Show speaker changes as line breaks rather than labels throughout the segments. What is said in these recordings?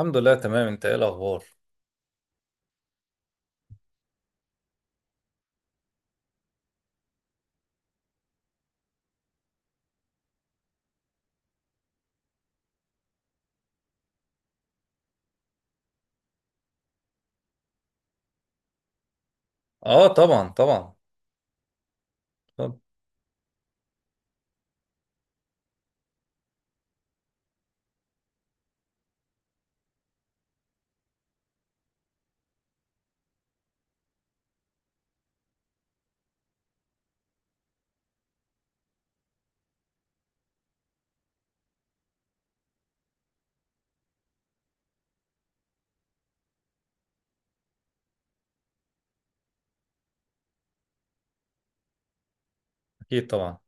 الحمد لله، تمام. انت ايه الاخبار؟ اه، طبعا طبعا. طب- اكيد طبعا.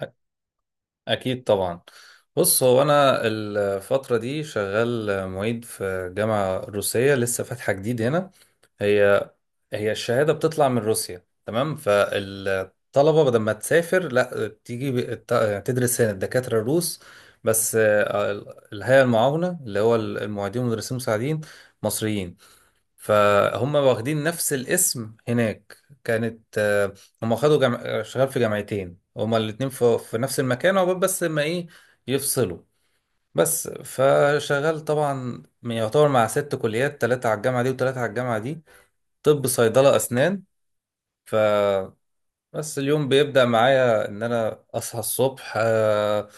أ- اكيد طبعا. بص، هو انا الفتره دي شغال معيد في جامعه روسيه لسه فاتحه جديد هنا. هي هي الشهاده بتطلع من روسيا، تمام. فالطلبه بدل ما تسافر، لا، بتيجي تدرس هنا الدكاتره الروس. بس الهيئه المعاونه، اللي هو المعيدين والمدرسين المساعدين، مصريين. فهم واخدين نفس الاسم هناك. كانت آه، هم خدوا جم... آه، شغال في جامعتين، هما الاتنين في نفس المكان، عقبال بس ما ايه يفصلوا. بس فشغال طبعا، يعتبر مع ست كليات، تلاتة على الجامعة دي وتلاتة على الجامعة دي. طب، صيدلة، أسنان. فبس. اليوم بيبدأ معايا إن أنا أصحى الصبح،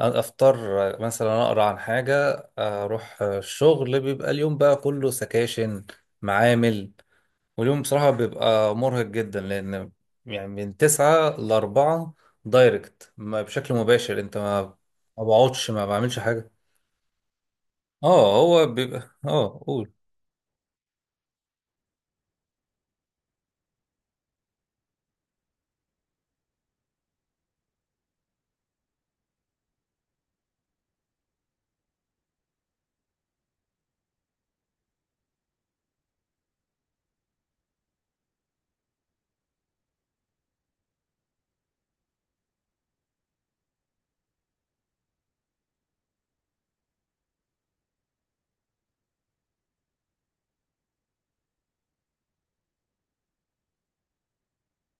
أفطر، مثلا أقرأ عن حاجة، أروح الشغل. بيبقى اليوم بقى كله سكاشن، معامل. واليوم بصراحة بيبقى مرهق جدا، لأن يعني من تسعة لأربعة دايركت، ما بشكل مباشر، أنت ما بقعدش، ما بعملش حاجة. اه، هو بيبقى قول.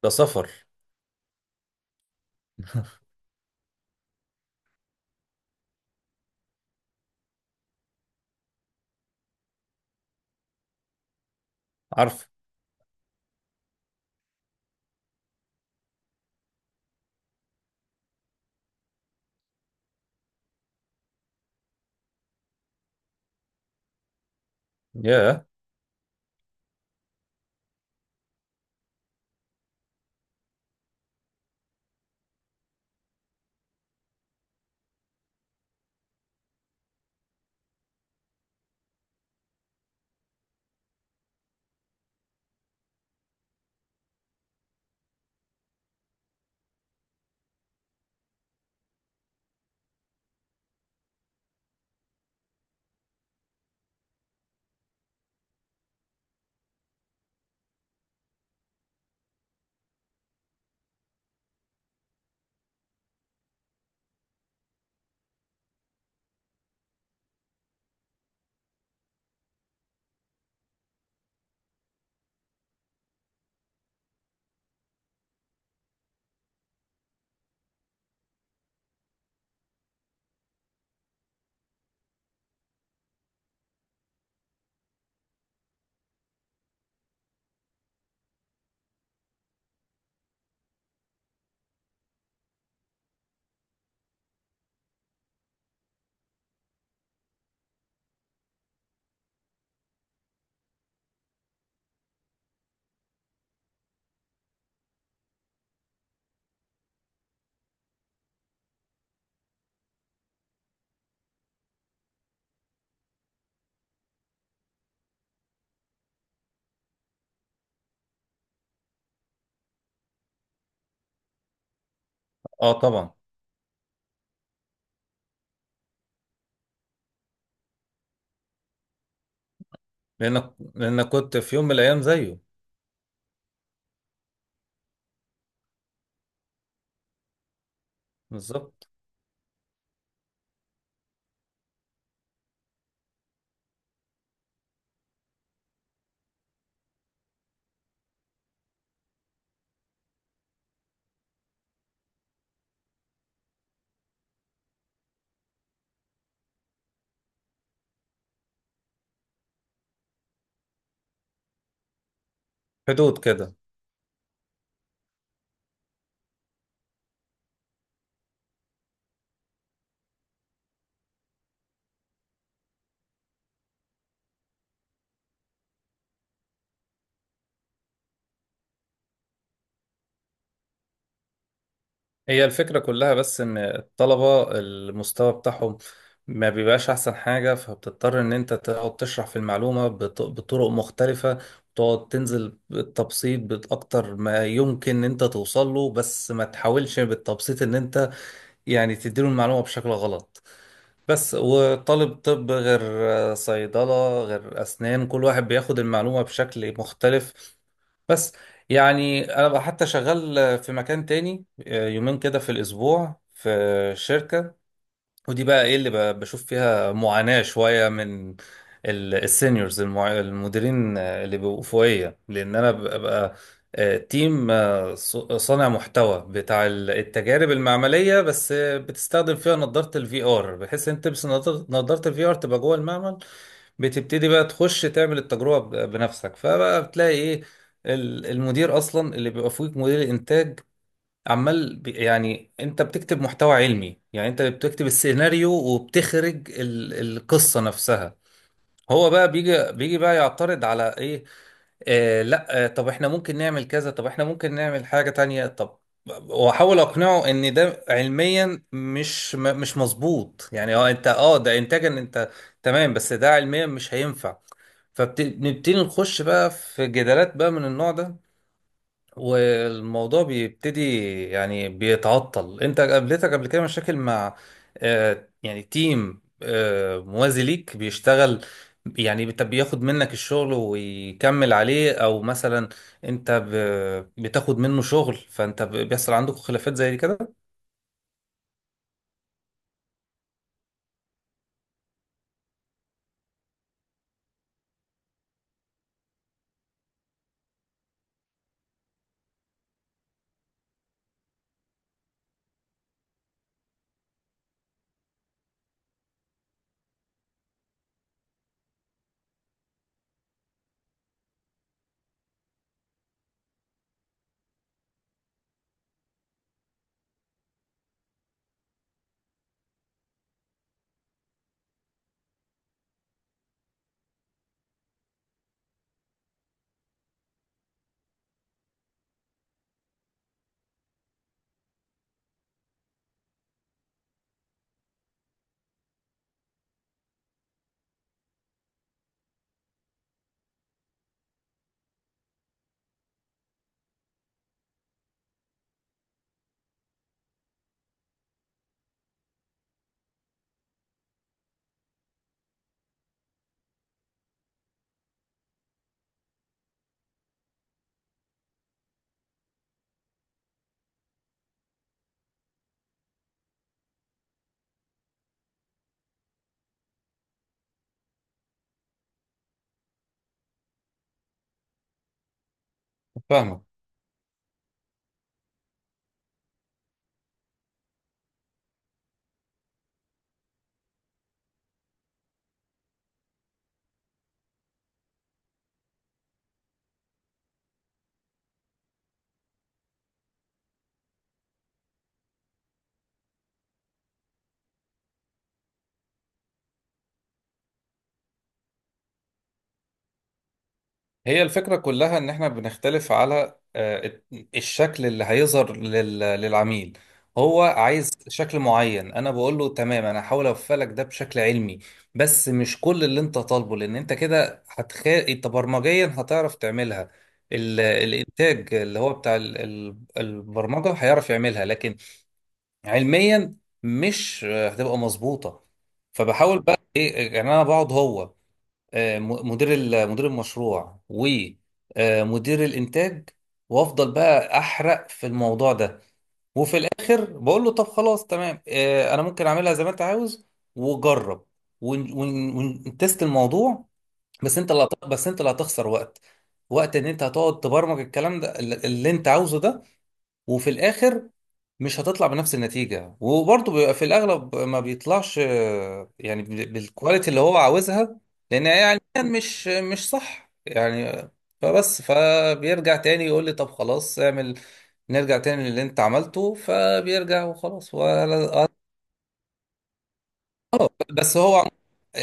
ده سفر. عارف. ياه. اه، طبعا. لأنك كنت في يوم من الأيام زيه. بالظبط. حدود كده. هي الفكرة كلها بس إن الطلبة المستوى بتاعهم ما بيبقاش أحسن حاجة، فبتضطر إن أنت تقعد تشرح في المعلومة بطرق مختلفة، وتقعد تنزل بالتبسيط بأكتر ما يمكن إن أنت توصل له، بس ما تحاولش بالتبسيط إن أنت يعني تديله المعلومة بشكل غلط. بس. وطالب طب غير صيدلة غير أسنان، كل واحد بياخد المعلومة بشكل مختلف. بس يعني أنا بقى حتى شغال في مكان تاني، يومين كده في الأسبوع، في شركة. ودي بقى ايه اللي بشوف فيها معاناة شوية من السينيورز، المديرين اللي بيبقوا فوقية، لان انا ببقى تيم، صانع محتوى بتاع التجارب المعملية. بس بتستخدم فيها نظارة الفي ار، بحيث انت تلبس نظارة الفي ار تبقى جوه المعمل. بتبتدي بقى تخش تعمل التجربة بنفسك، فبقى بتلاقي ايه المدير اصلا اللي بيبقى فوقك، مدير الانتاج، عمال يعني. انت بتكتب محتوى علمي، يعني انت بتكتب السيناريو وبتخرج القصة نفسها. هو بقى بيجي بقى يعترض على ايه. لا، طب احنا ممكن نعمل كذا، طب احنا ممكن نعمل حاجة تانية. طب، واحاول اقنعه ان ده علميا مش مظبوط، يعني اه، انت ده انتاجا، انت تمام، بس ده علميا مش هينفع. فبنبتدي نخش بقى في جدالات بقى من النوع ده، والموضوع بيبتدي يعني بيتعطل. انت قابلتك قبل كده مشاكل مع يعني تيم موازي ليك بيشتغل، يعني بياخد منك الشغل ويكمل عليه، او مثلا انت بتاخد منه شغل، فانت بيحصل عندك خلافات زي دي كده؟ فاهمك. هي الفكرة كلها إن إحنا بنختلف على الشكل اللي هيظهر للعميل. هو عايز شكل معين، أنا بقول له تمام، أنا هحاول أوفق لك ده بشكل علمي، بس مش كل اللي أنت طالبه، لأن أنت كده أنت برمجيا هتعرف تعملها. الإنتاج اللي هو بتاع البرمجة هيعرف يعملها، لكن علميا مش هتبقى مظبوطة. فبحاول بقى إيه يعني، أنا بقعد هو مدير المشروع ومدير الانتاج، وافضل بقى احرق في الموضوع ده. وفي الاخر بقول له، طب خلاص تمام، انا ممكن اعملها زي ما انت عاوز، وجرب ون- ون- ونتست الموضوع. بس انت اللي هتخسر وقت، وقت ان انت هتقعد تبرمج الكلام ده اللي انت عاوزه ده. وفي الاخر مش هتطلع بنفس النتيجه، وبرضه بيبقى في الاغلب ما بيطلعش يعني بالكواليتي اللي هو عاوزها، لان يعني مش صح يعني فبس فبيرجع تاني يقول لي، طب خلاص، اعمل، نرجع تاني للي انت عملته. فبيرجع وخلاص، ولا. اه، بس هو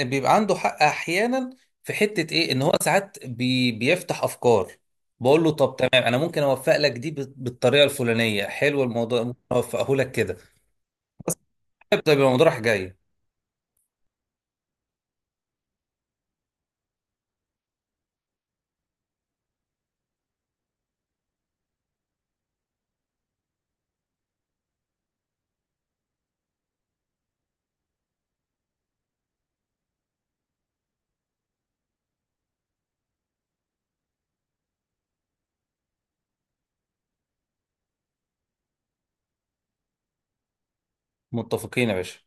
بيبقى عنده حق احيانا، في حته ايه ان هو ساعات بيفتح افكار، بقول له طب تمام، انا ممكن اوفق لك دي بالطريقه الفلانيه، حلو، الموضوع ممكن اوفقه لك كده. بس ده بيبقى الموضوع رايح جاي. متفقين يا باشا.